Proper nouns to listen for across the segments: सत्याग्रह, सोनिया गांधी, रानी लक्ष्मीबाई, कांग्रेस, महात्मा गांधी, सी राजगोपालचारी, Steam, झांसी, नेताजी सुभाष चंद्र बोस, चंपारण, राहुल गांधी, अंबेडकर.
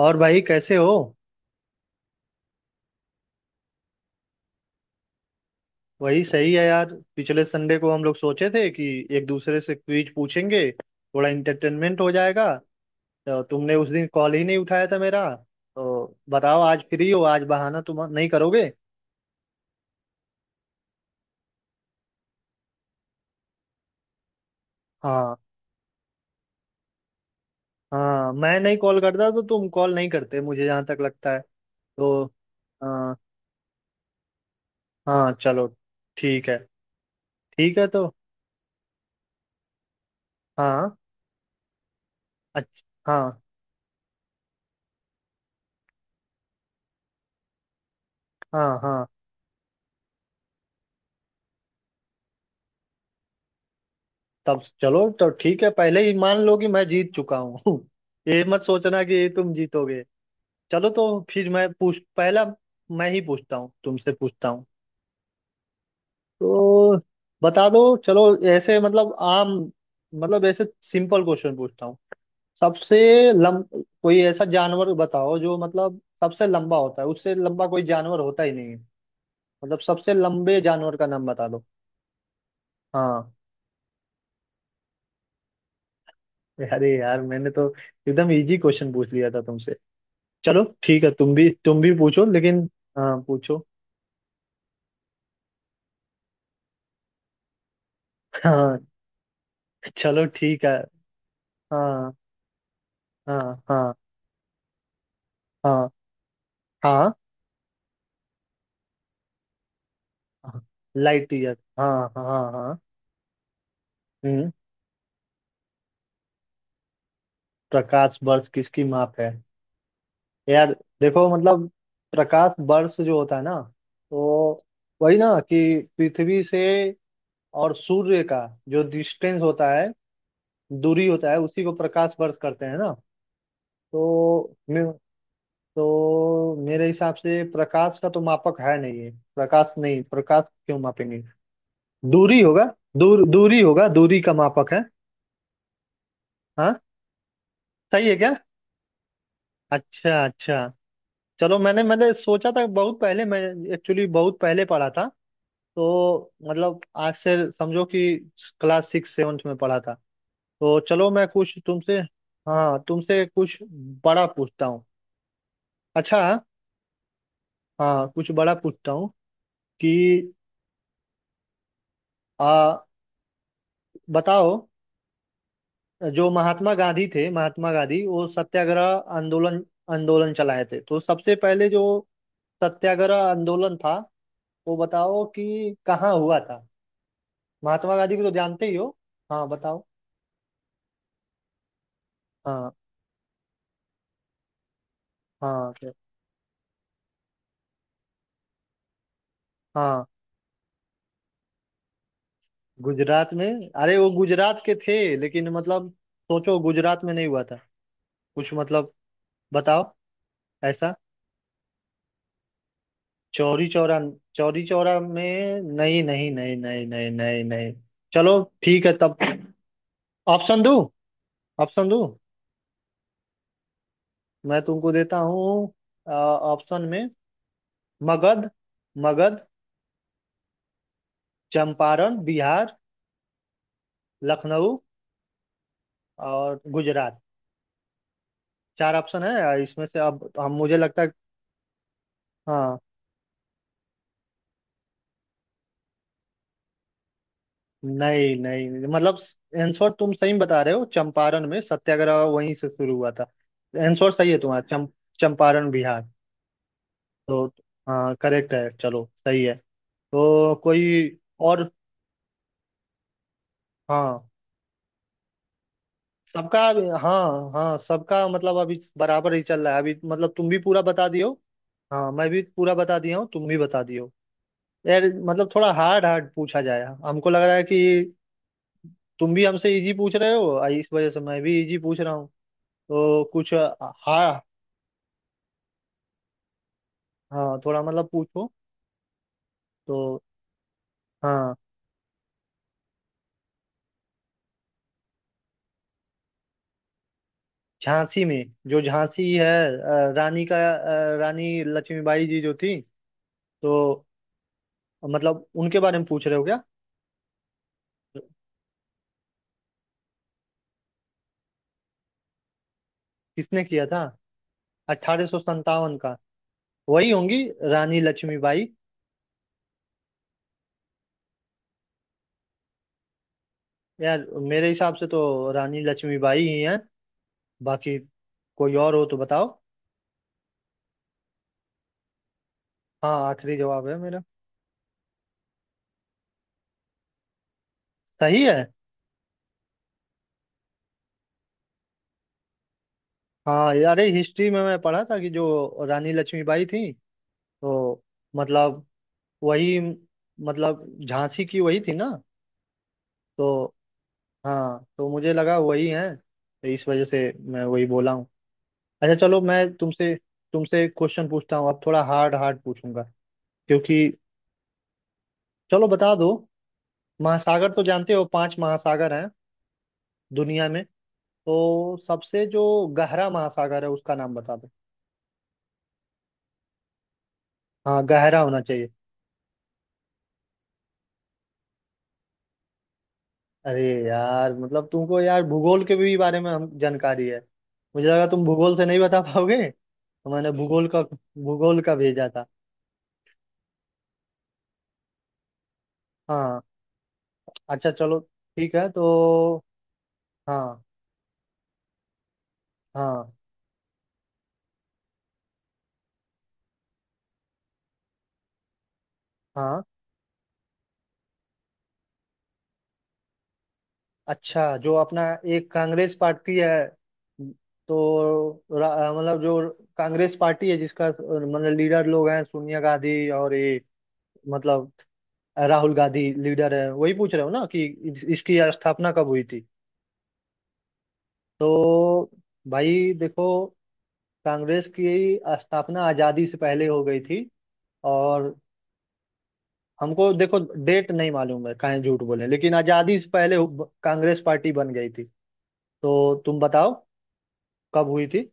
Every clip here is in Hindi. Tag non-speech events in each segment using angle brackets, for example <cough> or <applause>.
और भाई कैसे हो? वही सही है यार। पिछले संडे को हम लोग सोचे थे कि एक दूसरे से क्विज पूछेंगे, थोड़ा इंटरटेनमेंट हो जाएगा। तो तुमने उस दिन कॉल ही नहीं उठाया था मेरा। तो बताओ, आज फ्री हो? आज बहाना तुम नहीं करोगे। हाँ। हाँ, मैं नहीं कॉल करता तो तुम कॉल नहीं करते मुझे, जहाँ तक लगता है। तो हाँ। हाँ, चलो। ठीक है। ठीक है। तो हाँ, अच्छा। हाँ, हाँ, हाँ। तब चलो, तो ठीक है। पहले ही मान लो कि मैं जीत चुका हूँ। <laughs> ये मत सोचना कि तुम जीतोगे। चलो तो फिर मैं पूछ पहला। मैं ही पूछता हूँ, तुमसे पूछता हूँ। तो बता दो। चलो, ऐसे मतलब आम, मतलब ऐसे सिंपल क्वेश्चन पूछता हूँ। सबसे लम कोई ऐसा जानवर बताओ जो मतलब सबसे लंबा होता है, उससे लंबा कोई जानवर होता ही नहीं है। मतलब सबसे लंबे जानवर का नाम बता दो। हाँ। अरे यार, मैंने तो एकदम इजी क्वेश्चन पूछ लिया था तुमसे। चलो ठीक है, तुम भी पूछो लेकिन। हाँ, पूछो। हाँ। चलो। ठीक है। हाँ, हाँ, हाँ। हाँ, हाँ, हाँ। लाइट ईयर, हाँ, हाँ, हाँ। हाँ। हम्म। प्रकाश वर्ष किसकी माप है? यार देखो, मतलब प्रकाश वर्ष जो होता है ना, तो वही ना कि पृथ्वी से और सूर्य का जो डिस्टेंस होता है, दूरी होता है, उसी को प्रकाश वर्ष करते हैं ना। तो तो मेरे हिसाब से प्रकाश का तो मापक है नहीं है, प्रकाश नहीं, प्रकाश क्यों मापेंगे। दूरी होगा। दूरी होगा, दूरी का मापक है। हाँ, सही है क्या? अच्छा, अच्छा। चलो, मैंने मैंने सोचा था बहुत पहले मैं एक्चुअली बहुत पहले पढ़ा था। तो मतलब आज से समझो कि क्लास सिक्स सेवन्थ में पढ़ा था। तो चलो, मैं कुछ तुमसे। हाँ, तुमसे कुछ बड़ा पूछता हूँ। अच्छा। हाँ, कुछ बड़ा पूछता हूँ कि आ बताओ, जो महात्मा गांधी थे, महात्मा गांधी वो सत्याग्रह आंदोलन आंदोलन चलाए थे। तो सबसे पहले जो सत्याग्रह आंदोलन था वो बताओ कि कहाँ हुआ था। महात्मा गांधी को तो जानते ही हो। हाँ, बताओ। हाँ, हाँ, सर। हाँ, गुजरात में? अरे वो गुजरात के थे लेकिन, मतलब सोचो, गुजरात में नहीं हुआ था। कुछ मतलब बताओ। ऐसा? चौरी चौरा? चौरी चौरा में नहीं, नहीं, नहीं, नहीं, नहीं, नहीं, नहीं। चलो ठीक है तब, ऑप्शन दो। ऑप्शन दो, मैं तुमको देता हूँ। ऑप्शन में मगध, मगध, चंपारण बिहार, लखनऊ और गुजरात। चार ऑप्शन है, इसमें से अब हम, मुझे लगता है। हाँ। नहीं, नहीं, मतलब आंसर तुम सही बता रहे हो, चंपारण में सत्याग्रह वहीं से शुरू हुआ था। आंसर सही है तुम्हारा, चंपारण बिहार। तो हाँ, करेक्ट है, चलो, सही है। तो कोई और। हाँ। हाँ, हाँ, सबका मतलब अभी बराबर ही चल रहा है अभी। मतलब तुम भी पूरा बता दियो। हाँ, मैं भी पूरा बता दिया हूँ, तुम भी बता दियो। यार, मतलब थोड़ा हार्ड हार्ड पूछा जाए, हमको लग रहा है कि तुम भी हमसे इजी पूछ रहे हो, और इस वजह से मैं भी इजी पूछ रहा हूँ। तो कुछ। हाँ। हाँ, थोड़ा मतलब पूछो। तो हाँ, झांसी में जो झांसी है, रानी का रानी लक्ष्मीबाई जी जो थी, तो मतलब उनके बारे में पूछ रहे हो क्या? किसने किया था? अठारह सौ संतावन का। वही होंगी, रानी लक्ष्मीबाई। यार मेरे हिसाब से तो रानी लक्ष्मीबाई ही हैं, बाकी कोई और हो तो बताओ। हाँ, आखिरी जवाब है मेरा। सही है। हाँ, अरे हिस्ट्री में मैं पढ़ा था कि जो रानी लक्ष्मीबाई थी, तो मतलब वही, मतलब झांसी की वही थी ना। तो हाँ, तो मुझे लगा वही है, तो इस वजह से मैं वही बोला हूँ। अच्छा चलो, मैं तुमसे, तुमसे क्वेश्चन पूछता हूँ। अब थोड़ा हार्ड हार्ड पूछूंगा क्योंकि। चलो, बता दो। महासागर तो जानते हो, पांच महासागर हैं दुनिया में। तो सबसे जो गहरा महासागर है उसका नाम बता दो। हाँ, गहरा होना चाहिए। अरे यार, मतलब तुमको यार भूगोल के भी बारे में हम जानकारी है। मुझे लगा तुम भूगोल से नहीं बता पाओगे, तो मैंने भूगोल का भेजा था। हाँ, अच्छा चलो। ठीक है, तो हाँ, हाँ, हाँ। अच्छा, जो अपना एक कांग्रेस पार्टी है, तो रा- मतलब जो कांग्रेस पार्टी है जिसका मतलब लीडर लोग हैं सोनिया गांधी, और ये, मतलब राहुल गांधी लीडर है, वही पूछ रहे हो ना कि इसकी स्थापना कब हुई थी? तो भाई देखो, कांग्रेस की स्थापना आजादी से पहले हो गई थी, और हमको देखो, डेट नहीं मालूम है, काहे झूठ बोले, लेकिन आजादी से पहले कांग्रेस पार्टी बन गई थी। तो तुम बताओ, कब हुई थी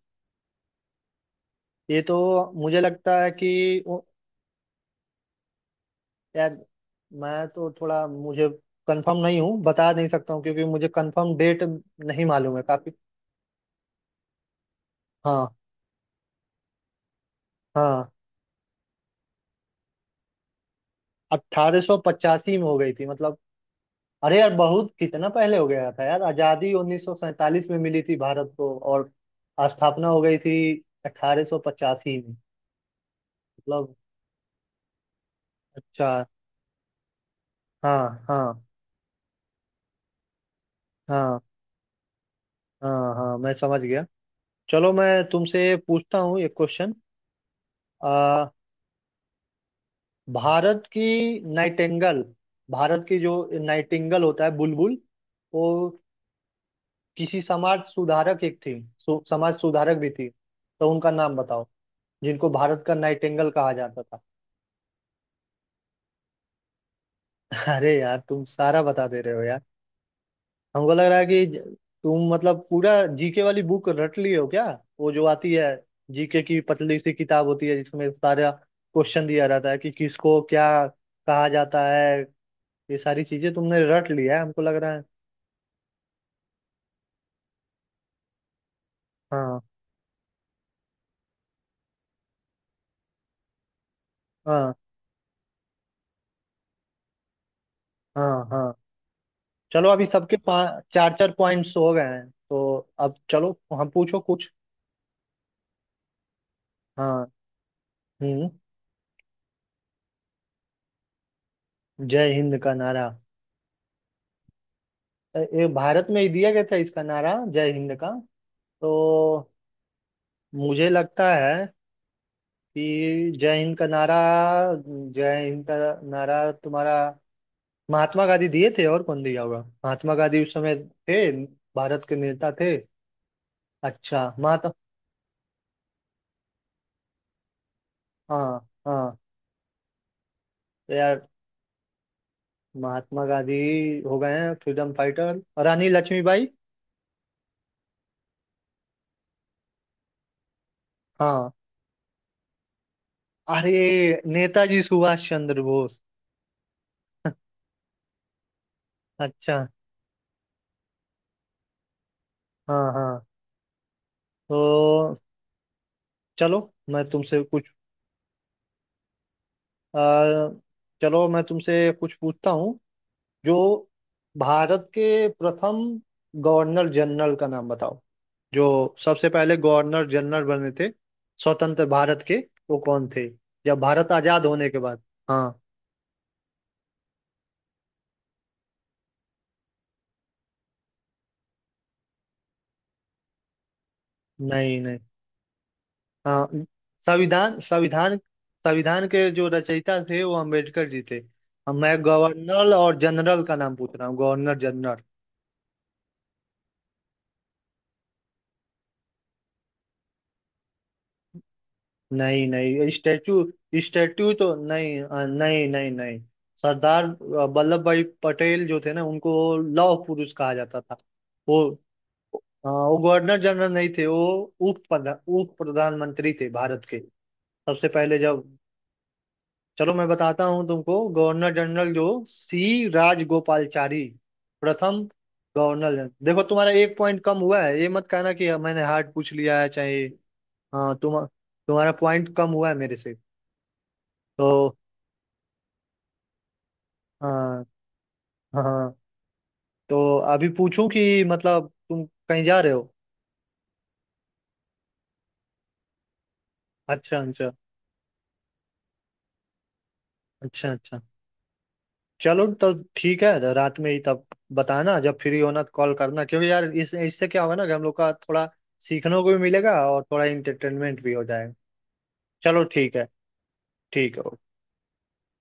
ये तो। मुझे लगता है कि यार, मैं तो थोड़ा, मुझे कंफर्म नहीं हूँ, बता नहीं सकता हूँ, क्योंकि मुझे कंफर्म डेट नहीं मालूम है काफी। हाँ। हाँ, 1885 में हो गई थी मतलब? अरे यार, बहुत कितना पहले हो गया था यार, आज़ादी 1947 में मिली थी भारत को, और स्थापना हो गई थी 1885 में। मतलब, अच्छा। हाँ, हाँ, हाँ, हाँ। हाँ, मैं समझ गया। चलो, मैं तुमसे पूछता हूँ एक क्वेश्चन। भारत की नाइटेंगल, भारत की जो नाइटिंगल होता है बुलबुल, वो किसी समाज सुधारक एक थी, समाज सुधारक भी थी, तो उनका नाम बताओ जिनको भारत का नाइटेंगल कहा जाता था। <laughs> अरे यार, तुम सारा बता दे रहे हो यार। हमको लग रहा है कि तुम मतलब पूरा जीके वाली बुक रट लिए हो क्या? वो जो आती है, जीके की पतली सी किताब होती है, जिसमें सारा क्वेश्चन दिया रहता है कि किसको क्या कहा जाता है, ये सारी चीजें तुमने रट लिया है हमको लग रहा है। हाँ, हाँ, हाँ। चलो, अभी सबके पाँच, चार चार पॉइंट्स हो गए हैं, तो अब चलो। हम, पूछो कुछ। हाँ। हम्म। जय हिंद का नारा? ये भारत में ही दिया गया था, इसका नारा, जय हिंद का। तो मुझे लगता है कि जय हिंद का नारा, जय हिंद का नारा, तुम्हारा महात्मा गांधी दिए थे, और कौन दिया होगा? महात्मा गांधी उस समय थे भारत के, नेता थे। अच्छा, महात्मा। हाँ, हाँ। तो यार, महात्मा गांधी हो गए हैं फ्रीडम फाइटर, रानी लक्ष्मीबाई। हाँ, अरे नेताजी सुभाष चंद्र बोस। अच्छा। हाँ, हाँ। तो चलो, मैं तुमसे कुछ। आ, चलो मैं तुमसे कुछ पूछता हूँ। जो भारत के प्रथम गवर्नर जनरल का नाम बताओ, जो सबसे पहले गवर्नर जनरल बने थे स्वतंत्र भारत के, वो कौन थे? जब भारत आजाद होने के बाद। हाँ। नहीं, नहीं। हाँ, संविधान, संविधान, संविधान के जो रचयिता थे वो अंबेडकर जी थे। अब मैं गवर्नर और जनरल का नाम पूछ रहा हूँ, गवर्नर जनरल। नहीं, नहीं, स्टैचू, स्टैचू तो नहीं, नहीं, नहीं, नहीं। सरदार वल्लभ भाई पटेल जो थे ना, उनको लौह पुरुष कहा जाता था। वो वो गवर्नर जनरल नहीं थे। वो उप प्रधान, उप प्रधानमंत्री थे भारत के सबसे पहले जब। चलो, मैं बताता हूँ तुमको। गवर्नर जनरल जो सी राजगोपालचारी, प्रथम गवर्नर जनरल। देखो, तुम्हारा एक पॉइंट कम हुआ है, ये मत कहना कि मैंने हार्ड पूछ लिया है, चाहे। हाँ, तुम, तुम्हारा पॉइंट कम हुआ है मेरे से। तो हाँ, हाँ, हाँ। तो अभी पूछूं कि मतलब तुम कहीं जा रहे हो? अच्छा, अच्छा। अच्छा, अच्छा। चलो तब ठीक है, तो रात में ही तब बताना, जब फ्री होना तो कॉल करना, क्योंकि यार इस, इससे क्या होगा ना कि हम लोग का थोड़ा सीखने को भी मिलेगा और थोड़ा इंटरटेनमेंट भी हो जाएगा। चलो ठीक है। ठीक है, ओके।